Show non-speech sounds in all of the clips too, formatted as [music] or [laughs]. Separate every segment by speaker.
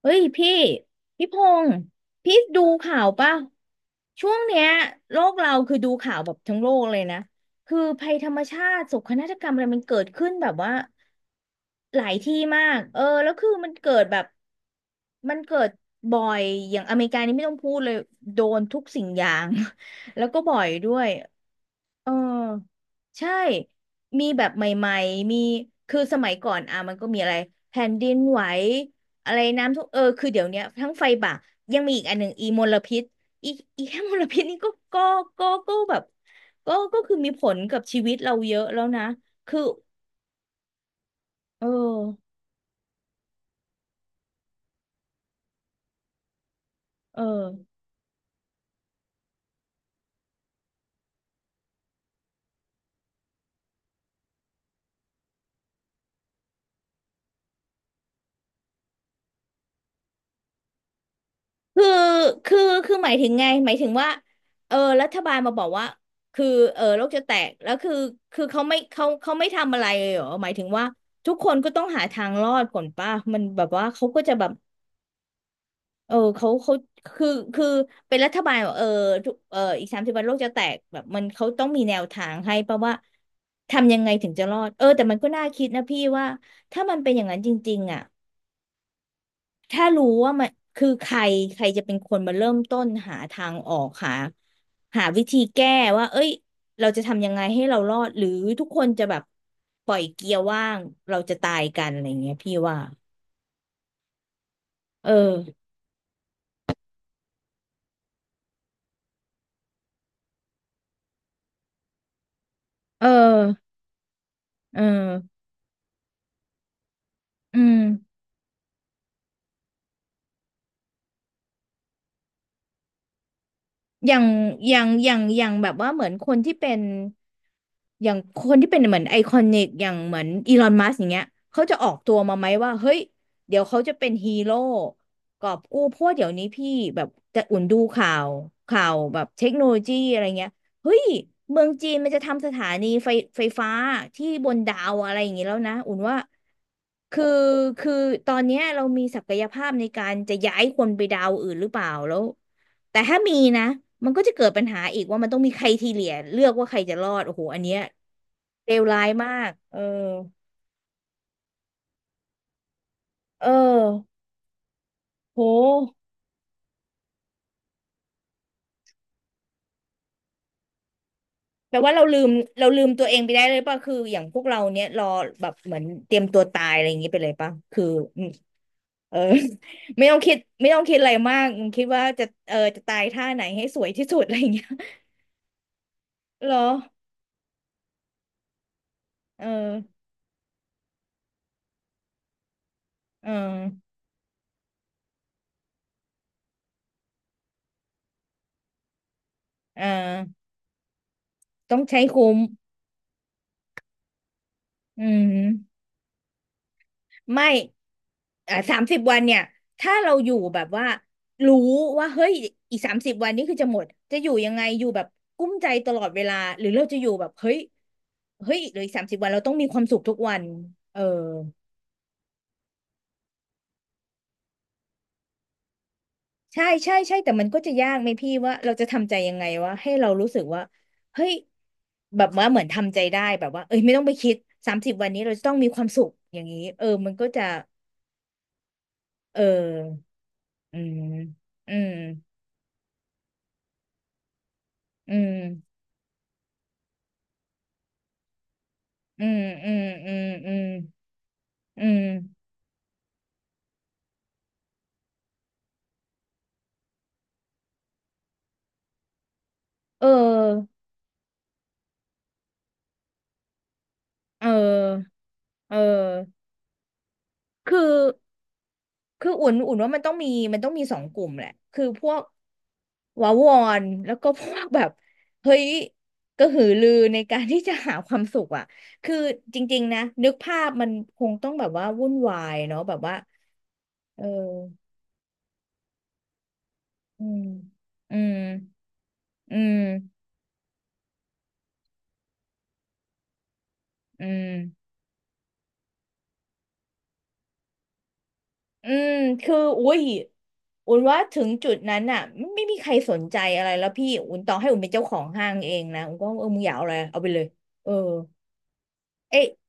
Speaker 1: เอ้ยพี่พงษ์พี่ดูข่าวป่ะช่วงเนี้ยโลกเราคือดูข่าวแบบทั้งโลกเลยนะคือภัยธรรมชาติโศกนาฏกรรมอะไรมันเกิดขึ้นแบบว่าหลายที่มากเออแล้วคือมันเกิดแบบมันเกิดบ่อยอย่างอเมริกานี่ไม่ต้องพูดเลยโดนทุกสิ่งอย่าง [laughs] แล้วก็บ่อยด้วย เออใช่มีแบบใหม่ๆมีคือสมัยก่อนอ่ะมันก็มีอะไรแผ่นดินไหวอะไรน้ำท่วมเออคือเดี๋ยวเนี้ยทั้งไฟป่ายังมีอีกอันหนึ่งอีมลพิษอีอีแค่มลพิษนี่ก็ก็แบบก็คือมีผลกับชีวิตเราเยอะแล้วนะคือเออเออ คือคือคือหมายถึงไงหมายถึงว่าเออรัฐบาลมาบอกว่าคือเออโลกจะแตกแล้วคือคือเขาไม่ทำอะไรเลยเหรอหมายถึงว่าทุกคนก็ต้องหาทางรอดก่อนป่ะมันแบบว่าเขาก็จะแบบเออเขาคือคือเป็นรัฐบาลเหรอเออทุกเอออีกสามสิบวันโลกจะแตกแบบมันเขาต้องมีแนวทางให้ป่ะว่าทำยังไงถึงจะรอดเออแต่มันก็น่าคิดนะพี่ว่าถ้ามันเป็นอย่างนั้นจริงๆอ่ะ ถ้ารู้ว่ามันคือใครใครจะเป็นคนมาเริ่มต้นหาทางออกหาวิธีแก้ว่าเอ้ยเราจะทำยังไงให้เรารอดหรือทุกคนจะแบบปล่อยเกียร์ว่างเราจะตายกันอะไรเงี้ยพี่ว่าเออเออเอออืมอย่างอย่างแบบว่าเหมือนคนที่เป็น อย่างคนที่เป็นเหมือนไอคอนิกอย่างเหมือนอีลอนมัสอย่างเงี้ยเขาจะออกตัวมาไหมว่าเฮ้ยเดี๋ยวเขาจะเป็นฮีโร่กอบกู้เพราะว่าเดี๋ยวนี้พี่แบบจะอุ่นดูข่าวข่าวแบบเทคโนโลยีอะไรเงี้ยเฮ้ยเมืองจีนมันจะทำสถานีไฟไฟฟ้าที่บนดาวอะไรอย่างงี้แล้วนะอุ่นว่าคือคือตอนเนี้ยเรามีศักยภาพในการจะย้ายคนไปดาวอื่นหรือเปล่าแล้ว แต่ถ้ามีนะมันก็จะเกิดปัญหาอีกว่ามันต้องมีใครทีเหลียเลือกว่าใครจะรอดโอ้โหอันเนี้ยเลวร้ายมากเออเออโหแปลว่าเราลืมตัวเองไปได้เลยป่ะคืออย่างพวกเราเนี้ยรอแบบเหมือนเตรียมตัวตายอะไรอย่างงี้ไปเลยป่ะคืออืมเออ [laughs] ไม่ต้องคิดอะไรมากคิดว่าจะเออจะตายท่าไหนให้สวยที่สุดอะไรอย่างเงี้ย [laughs] เหรอเออเออเออต้องใช้คุ้มอืม ไม่อ่าสามสิบวันเนี่ย ถ้าเราอยู่แบบว่ารู้ว่าเฮ้ยอีกสามสิบวันนี้คือจะหมดจะอยู่ยังไงอยู่แบบกุ้มใจตลอดเวลาหรือเราจะอยู่แบบเฮ้ยเหลืออีกสามสิบวันเราต้องมีความสุขทุกวันเออใช่ใช่ใช่ แต่มันก็จะยากไหมพี่ว่าเราจะทำใจยังไงวะให้เรารู้สึกว่าเฮ้ย แบบว่าเหมือนทำใจได้แบบว่าเอ้ยไม่ต้องไปคิดสามสิบวันนี้เราจะต้องมีความสุขอย่างนี้เออมันก็จะเอออืมอืมอืม อืมอืมอืมอืมอืมเออเออเออคือคืออุ่นว่ามันต้องมีมันต้องมีสองกลุ่มแหละคือพวกวาวอนแล้วก็พวกแบบเฮ้ยกระหือรือในการที่จะหาความสุขอ่ะคือจริงๆนะนึกภาพมันคงต้องแบบว่าวุ่นวายเนาะแบบว่าเอออืมอืมอืมอืม อืมคืออุ้ยอุ่นว่าถึงจุดนั้นน่ะไม่มีใครสนใจอะไรแล้วพี่อุ่นต่อให้อุ่นเป็นเจ้าของห้างเองนะอุ่นก็เออมึงอยากเอาอะไรเอาไปเลยเออเอย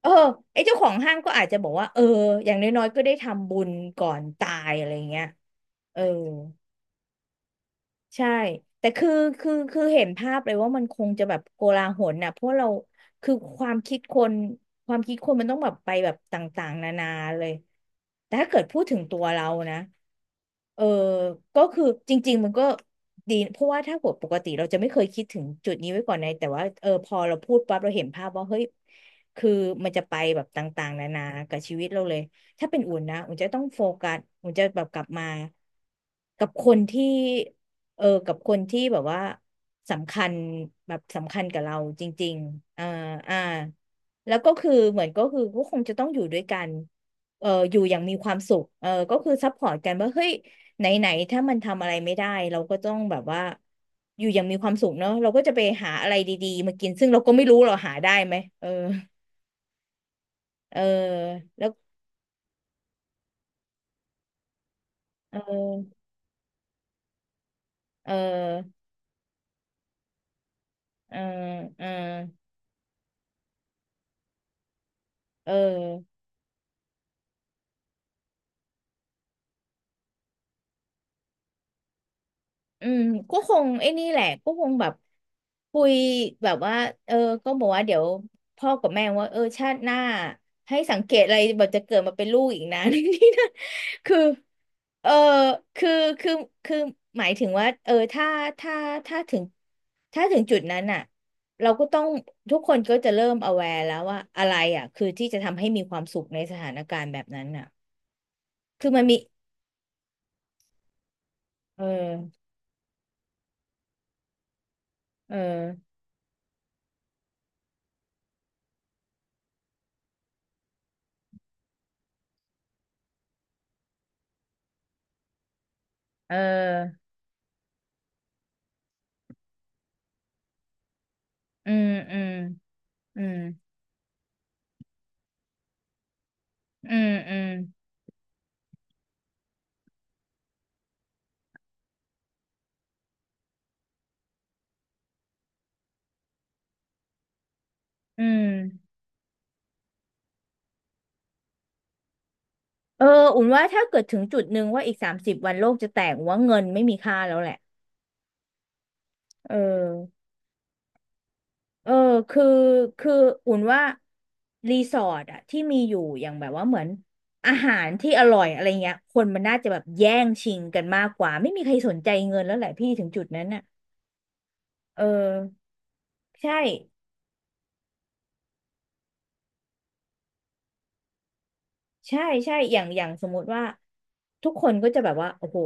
Speaker 1: เออไอเจ้าของห้างก็อาจจะบอกว่าเอออย่างน้อยๆก็ได้ทำบุญก่อนตายอะไรเงี้ยเออ ใช่แต่คือคือเห็นภาพเลยว่ามันคงจะแบบโกลาหลน่ะเพราะเราคือความคิดคนความคิดคนมันต้องแบบไปแบบต่างๆนานาเลยแต่ถ้าเกิดพูดถึงตัวเรานะเออก็คือจริงๆมันก็ดีเพราะว่าถ้าหัวปกติเราจะไม่เคยคิดถึงจุดนี้ไว้ก่อนในแต่ว่าเออพอเราพูดปั๊บเราเห็นภาพว่าเฮ้ยคือมันจะไปแบบต่างๆนานากับชีวิตเราเลยถ้าเป็นอุ่นนะอุ่นจะต้องโฟกัสอุ่นจะแบบกลับมากับคนที่ กับคนที่แบบว่าสำคัญแบบสำคัญกับเราจริงๆอ่าแล้วก็คือเหมือนก็คือก็คงจะต้องอยู่ด้วยกันอยู่อย่างมีความสุขก็คือซัพพอร์ตกันว่าเฮ้ยไหนไหนถ้ามันทำอะไรไม่ได้เราก็ต้องแบบว่าอยู่อย่างมีความสุขเนาะเราก็จะไปหาอะไรดีๆมากินซึ่งเราก็ไม่รู้เราหาได้ไหมเออเออแล้วเออเออเออเออ อืมก็คงไอ้นี่แหละก็คงแบบคุยแบบว่าเออก็บอกว่าเดี๋ยวพ่อกับแม่ว่าชาติหน้าให้สังเกตอะไรแบบจะเกิดมาเป็นลูกอีกนะ [laughs] นี่นะคือเออคือคือคือหมายถึงว่าถ้าถ้าถึงถ้าถึงจุดนั้นอ่ะเราก็ต้องทุกคนก็จะเริ่ม aware แล้วว่าอะไรอ่ะคือที่จะทำให้มีความสุขในสถานการณ์แบบนั้นอ่ะคือมันมีเออเออเอออืมอืมอืม อืมอืมอืมเอออุ่นว่าถ้าเกิดถึงจุดหนึ่งว่าอีก30วันโลกจะแตกอุ่นว่าเงินไม่มีค่าแล้วแหละเออเออคือคืออุ่นว่ารีสอร์ทอะที่มีอยู่อย่างแบบว่าเหมือนอาหารที่อร่อยอะไรเงี้ยคนมันน่าจะแบบแย่งชิงกันมากกว่าไม่มีใครสนใจเงินแล้วแหละพี่ถึงจุดนั้นอะเออใช่ ใช่ใช่อย่างสมมุติว่าทุกคนก็จะแบบว่าโอ้โห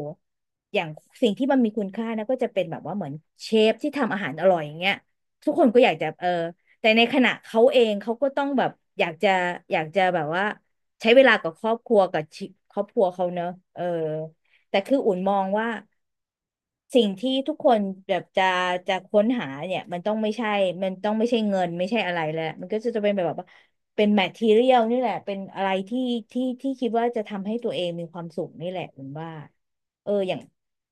Speaker 1: อย่างสิ่งที่มันมีคุณค่านะก็จะเป็นแบบว่าเหมือนเชฟที่ทำอาหารอร่อยอย่างเงี้ยทุกคนก็อยากจะแต่ในขณะเขาเองเขาก็ต้องแบบอยากจะอยากจะแบบว่าใช้เวลากับครอบครัวกับครอบครัวเขาเนอะเออ แต่คืออุ่นมองว่าสิ่งที่ทุกคนแบบจะค้นหาเนี่ยมันต้องไม่ใช่มันต้องไม่ใช่เงินไม่ใช่อะไรแล้วมันก็จะเป็นแบบว่าเป็นแมททีเรียลนี่แหละเป็นอะไรที่คิดว่าจะทำให้ตัวเองมีความสุขนี่แหละอุ่นว่าอย่าง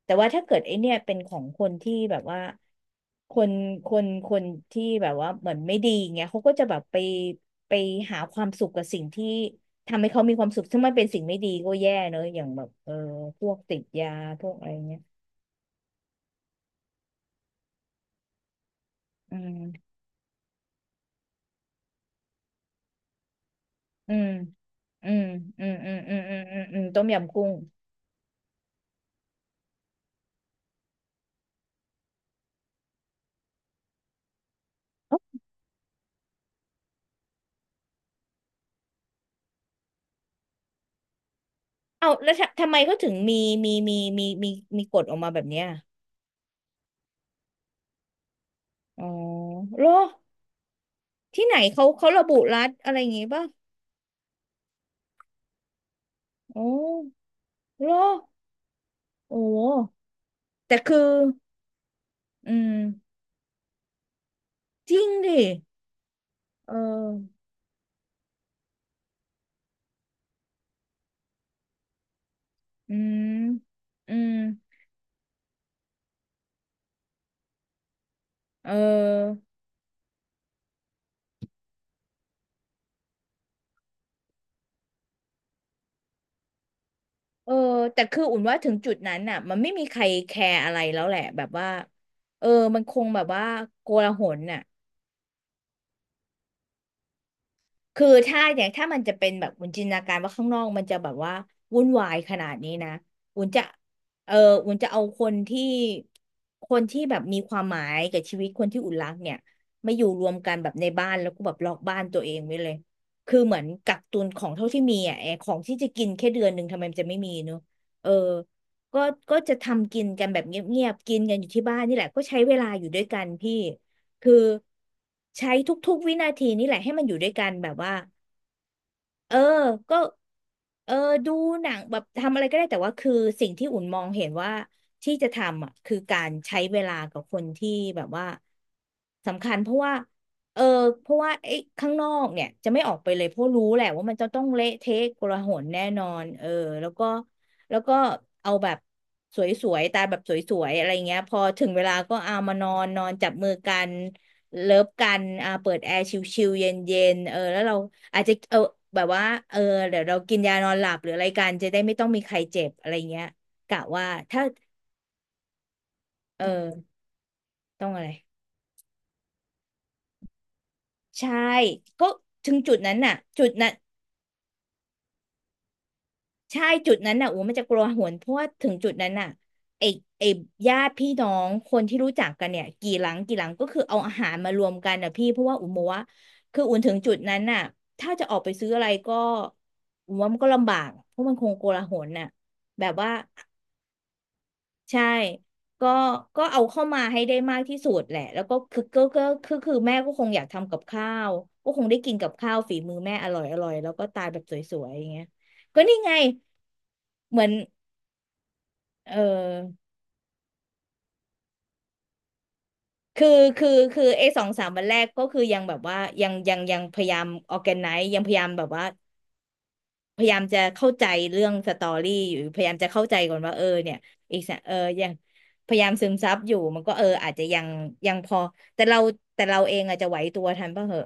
Speaker 1: แต่ว่าถ้าเกิดไอเนี่ยเป็นของคนที่แบบว่าคนคนที่แบบว่าเหมือนไม่ดีเงี้ยเขาก็จะแบบไปไปหาความสุขกับสิ่งที่ ทำให้เขามีความสุขถ้ามันเป็นสิ่งไม่ดีก็แย่เนอะอย่างแบบพวกติดยาพวกอะไรเงี้ยอืมอืมอืมอืมอืมอืมอืมอืมอืมต้มยำกุ้งเอ้าเอาแล้วทำไมเขาถึงมีมีมีมีมีกฎออกมาแบบเนี้ยอ๋อเหรอที่ไหนเขาเขาระบุรัฐอะไรอย่างงี้ป่ะโอ้เหรอโอ้แต่คือ อืมจริงดิเอออืมอืมเออ เออแต่คืออุ่นว่าถึงจุดนั้นน่ะมันไม่มีใครแคร์อะไรแล้วแหละแบบว่าเออมันคงแบบว่าโกลาหลน่ะ คือถ้าอย่างถ้ามันจะเป็นแบบวุ้นจินตนาการว่าข้างนอกมันจะแบบว่าวุ่นวายขนาดนี้นะวุ้นจะเออวุ้นจะเอาคนที่แบบมีความหมายกับชีวิตคนที่อุ่นรักเนี่ยมาอยู่รวมกันแบบในบ้านแล้วก็แบบล็อกบ้านตัวเองไว้เลยคือเหมือนกักตุนของเท่าที่มีอ่ะไอ้ของที่จะกินแค่เดือนหนึ่งทำไมมันจะไม่มีเนอะเออก็จะทำกินกันแบบเงียบๆกินกันอยู่ที่บ้านนี่แหละก็ใช้เวลาอยู่ด้วยกันพี่ คือใช้ทุกๆวินาทีนี่แหละให้มันอยู่ด้วยกันแบบว่า เออ ก็เออดูหนังแบบทำอะไรก็ได้แต่ว่าคือสิ่งที่อุ่นมองเห็นว่าที่จะทำอ่ะคือการใช้เวลากับคนที่แบบว่าสำคัญเพราะว่าเออเพราะว่าไอ้ข้างนอกเนี่ยจะไม่ออกไปเลยเพราะรู้แหละว่ามันจะต้องเละเทะโกลาหลแน่นอนเออแล้วก็แล้วก็เอาแบบสวยๆตายแบบสวยๆอะไรเงี้ยพอถึงเวลาก็เอามานอนนอนจับมือกันเลิฟกันอ่าเปิดแอร์ชิลๆเย็นๆเออแล้วเรา อาจจะเออแบบว่าเออเดี๋ยวเรากินยานอนหลับหรืออะไรกันจะได้ไม่ต้องมีใครเจ็บอะไรเงี้ยกะว่าถ้าเออต้องอะไรใช่ก็ถึงจุดนั้นน่ะจุดนั้นใช่จุดนั้นน่ะโอ้มันจะกลัวหวนเพราะว่าถึงจุดนั้นน่ะไอ้ไอ้ญาติพี่น้องคนที่รู้จักกันเนี่ยกี่หลังกี่หลังก็คือเอาอาหารมารวมกันน่ะพี่เพราะว่าอุ๋มบอกว่าคืออุ่นถึงจุดนั้นน่ะถ้าจะออกไปซื้ออะไรก็อุ๋มว่ามันก็ลำบากเพราะมันคงโกลาหลน่ะแบบว่า ใช่ก็เอาเข้ามาให้ได้มากที่สุดแหละ แล้วก็คือแม่ก็คงอยากทำกับข้าว ก็คงได้กินกับข้าวฝีมือแม่อร่อยอร่อยแล้วก็ตายแบบสวยๆอย่างเงี้ยก็นี่ไงเหมือนเออคือคือไอ้สองสามวันแรกก็คือยังแบบว่า ยังพยายามออแกไนซ์ยังพยายามแบบว่า พยายามจะเข้าใจเรื่องสตอรี่อยู่พยายามจะเข้าใจก่อนว่าเออเนี่ยอีกสักเออยังพยายามซึมซับอยู่มันก็เอออาจจะยังพอแต่เราเองอาจจะไหวตัวทันป่ะเหอะ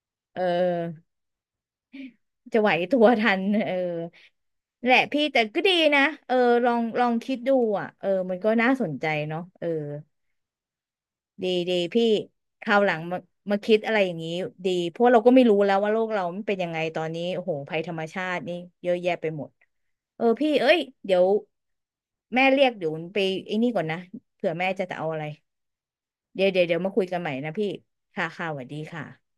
Speaker 1: [laughs] เออจะไหวตัวทันเออนั่นแหละพี่แต่ก็ดีนะเออลองลองคิดดูอ่ะเออมันก็น่าสนใจเนาะเออดีดีพี่คราวหลังมาคิดอะไรอย่างนี้ดีเพราะเราก็ไม่รู้แล้วว่าโลกเรามันเป็นยังไงตอนนี้โอ้โหภัยธรรมชาตินี่เยอะแยะไปหมดเออพี่เอ้ยเดี๋ยว แม่เรียกเดี๋ยวไปไอ้นี่ก่อนนะเผื่อแม่จะเอาอะไรเดี๋ยวเดี๋ยวเดี๋ยวมาคุยกันใหม่นะพี่ค่ะค่ะสวัสดีค่ะ